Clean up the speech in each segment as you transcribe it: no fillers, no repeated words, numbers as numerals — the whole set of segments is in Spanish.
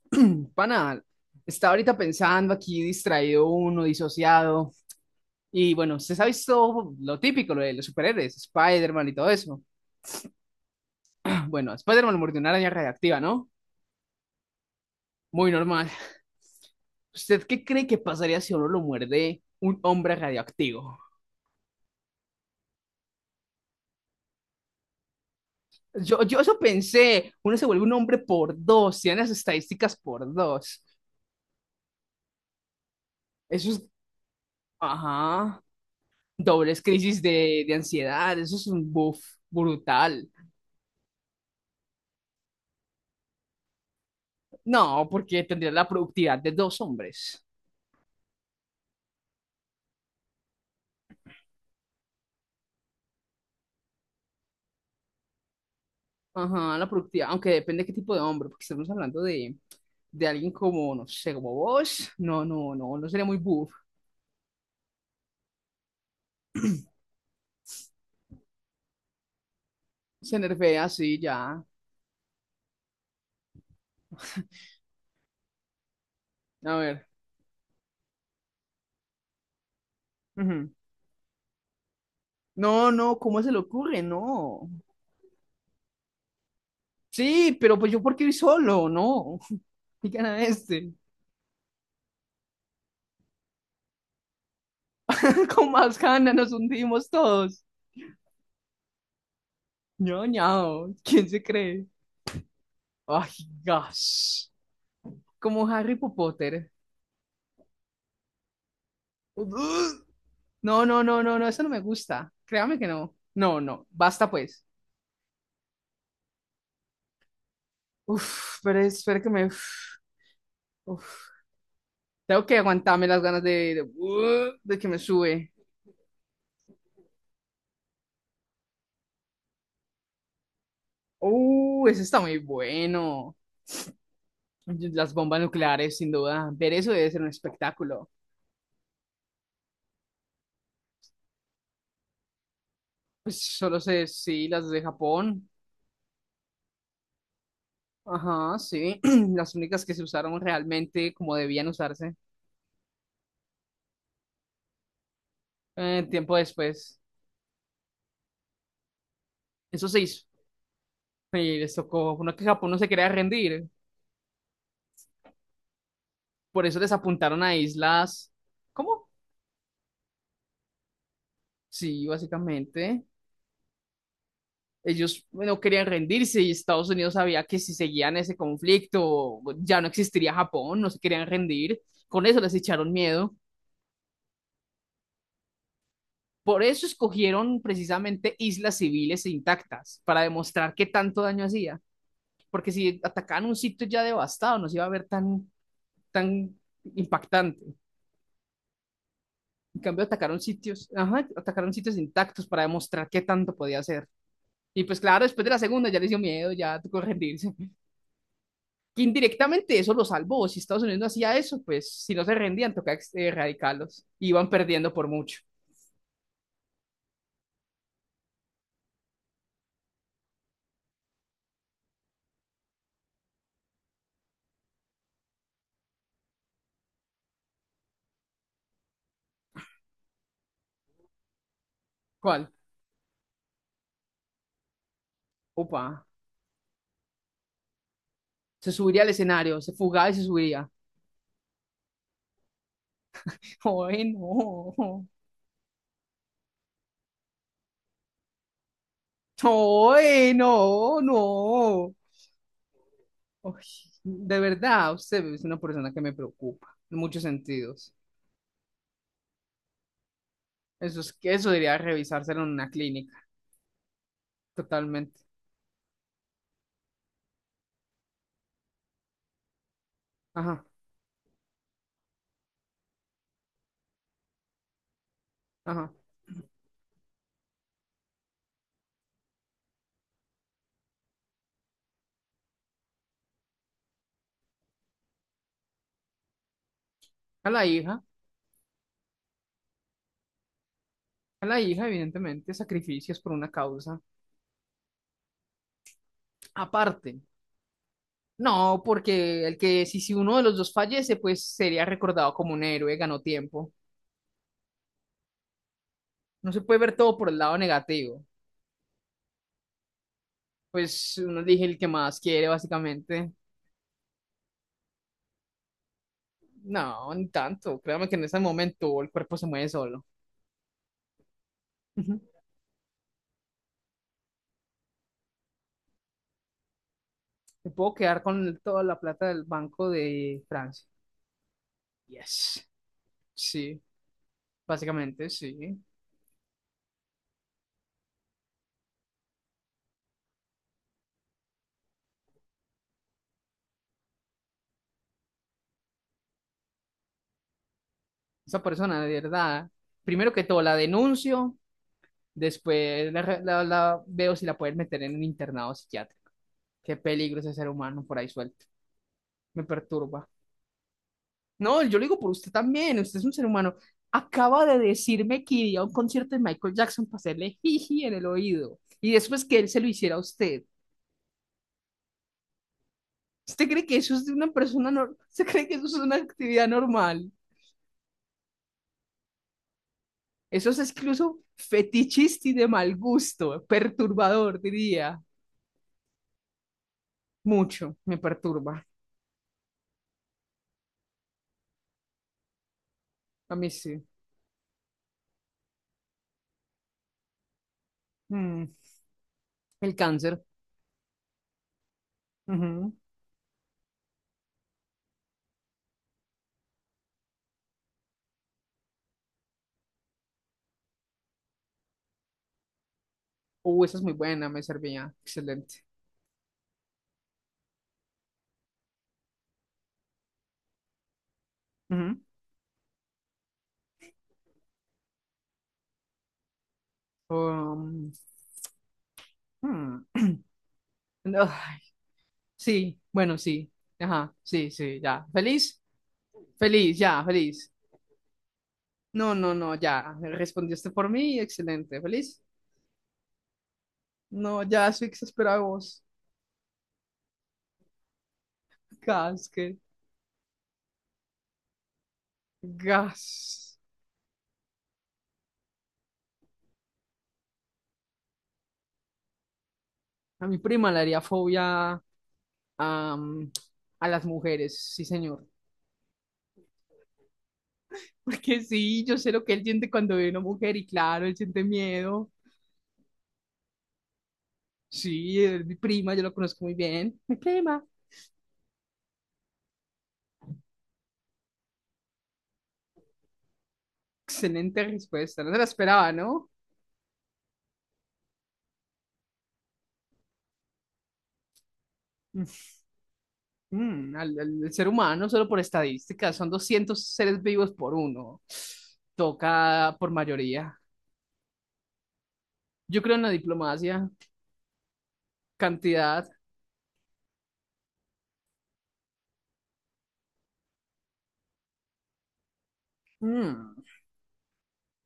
Pana, está ahorita pensando aquí distraído uno, disociado. Y bueno, usted ha visto lo típico, lo de los superhéroes, Spider-Man y todo eso. Bueno, a Spider-Man mordió una araña radiactiva, ¿no? Muy normal. ¿Usted qué cree que pasaría si a uno lo muerde un hombre radioactivo? Yo eso pensé, uno se vuelve un hombre por dos, tiene las estadísticas por dos. Eso es, ajá, dobles crisis de ansiedad, eso es un buff brutal. No, porque tendría la productividad de dos hombres. Ajá, la productividad, aunque depende de qué tipo de hombre, porque estamos hablando de alguien como, no sé, como vos. No, no, no, no sería muy buff. Se nerfea así, ya. A ver. Ujú. No, no, ¿cómo se le ocurre? No. Sí, pero pues yo porque voy solo, no. Y gana este. Con más ganas nos hundimos todos. No, no, ¿quién se cree? Ay, gas. Como Harry Potter. No, no, no, no, no, eso no me gusta. Créame que no. No, no, basta pues. Uf, pero espera que me... Uf, uf. Tengo que aguantarme las ganas de que me sube. Eso está muy bueno. Las bombas nucleares, sin duda. Ver eso debe ser un espectáculo. Pues solo sé, sí, las de Japón. Ajá, sí. Las únicas que se usaron realmente como debían usarse. Tiempo después. Eso se hizo. Y les tocó. Uno que Japón no se quería rendir. Por eso les apuntaron a islas. ¿Cómo? Sí, básicamente. Ellos no querían rendirse y Estados Unidos sabía que si seguían ese conflicto ya no existiría Japón, no se querían rendir. Con eso les echaron miedo. Por eso escogieron precisamente islas civiles e intactas, para demostrar qué tanto daño hacía. Porque si atacaban un sitio ya devastado, no se iba a ver tan, tan impactante. En cambio, atacaron sitios, ajá, atacaron sitios intactos para demostrar qué tanto podía hacer. Y pues claro, después de la segunda ya le dio miedo, ya tocó rendirse. Que indirectamente eso lo salvó. Si Estados Unidos no hacía eso, pues si no se rendían, tocaba erradicarlos. Iban perdiendo por mucho. ¿Cuál? Opa. Se subiría al escenario, se fugaba y se subiría. ¡Ay, no! ¡Ay, no! ¡No! Ay, de verdad, usted es una persona que me preocupa en muchos sentidos. Eso es que eso debería revisárselo en una clínica, totalmente. Ajá, ajá. A la hija. A la hija, evidentemente, sacrificios por una causa aparte. No, porque el que si, si uno de los dos fallece, pues sería recordado como un héroe, ganó tiempo. No se puede ver todo por el lado negativo. Pues uno elige el que más quiere, básicamente. No, ni tanto. Créame que en ese momento el cuerpo se mueve solo. Ujú. Me puedo quedar con toda la plata del Banco de Francia. Yes. Sí, básicamente sí. Esa persona, de verdad, primero que todo la denuncio. Después la, la veo si la pueden meter en un internado psiquiátrico. Qué peligro ese ser humano por ahí suelto. Me perturba. No, yo lo digo por usted también. Usted es un ser humano. Acaba de decirme que iría a un concierto de Michael Jackson para hacerle jiji en el oído. Y después que él se lo hiciera a usted. ¿Usted cree que eso es de una persona normal? ¿Usted cree que eso es una actividad normal? Eso es incluso fetichista y de mal gusto. Perturbador, diría. Mucho. Me perturba. A mí sí. Mm, el cáncer. Ujú. Esa es muy buena, me servía. Excelente. Ujú. Um, hmm. No, ay, sí, bueno, sí. Ajá, sí, sí, ya. ¿Feliz? Feliz, ya, feliz. No, no, no, ya. Respondiste por mí, excelente. ¿Feliz? No, ya estoy exasperado de vos. Gas, que gas. A mi prima le haría fobia am, a las mujeres, sí, señor. Porque sí, yo sé lo que él siente cuando ve una mujer y claro, él siente miedo. Sí, es mi prima, yo la conozco muy bien. Mi prima. Excelente respuesta, no se la esperaba, ¿no? Mm, al, el ser humano, solo por estadísticas, son 200 seres vivos por uno. Toca por mayoría. Yo creo en la diplomacia, cantidad. Mm,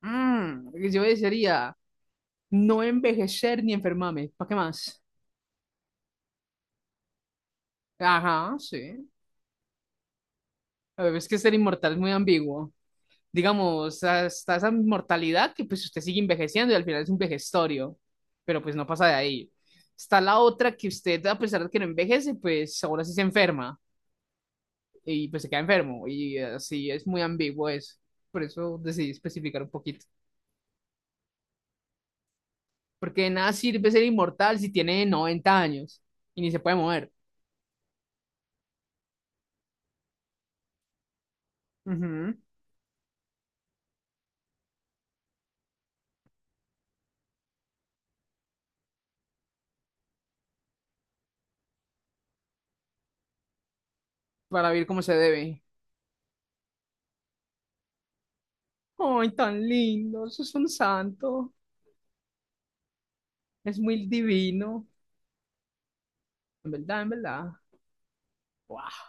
mm, yo desearía no envejecer ni enfermarme. ¿Para qué más? Ajá, sí. A ver, es que ser inmortal es muy ambiguo. Digamos, hasta esa inmortalidad que pues usted sigue envejeciendo y al final es un vejestorio, pero pues no pasa de ahí. Está la otra que usted, a pesar de que no envejece, pues ahora sí se enferma y pues se queda enfermo y así es muy ambiguo eso. Por eso decidí especificar un poquito. Porque de nada sirve ser inmortal si tiene 90 años y ni se puede mover. Ujú, para vivir como se debe. Ay, tan lindo, eso es un santo. Es muy divino. En verdad, en verdad. Wow.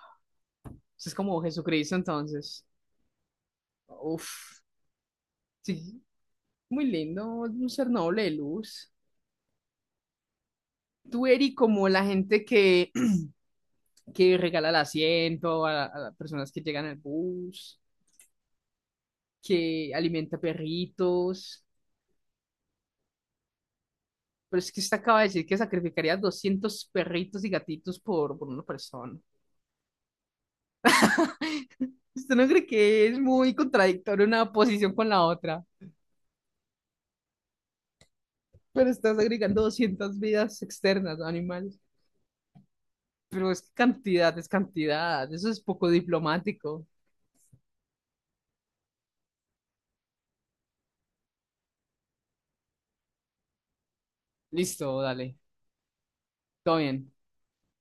Eso es como Jesucristo entonces. Uf, sí, muy lindo, un ser noble de luz. Tú eres como la gente que, que regala el asiento a las personas que llegan al bus, que alimenta perritos. Pero es que usted acaba de decir que sacrificaría 200 perritos y gatitos por una persona. ¿Usted no cree que es muy contradictoria una posición con la otra? Pero estás agregando 200 vidas externas, animal. Pero es que cantidad es cantidad. Eso es poco diplomático. Listo, dale. Todo bien.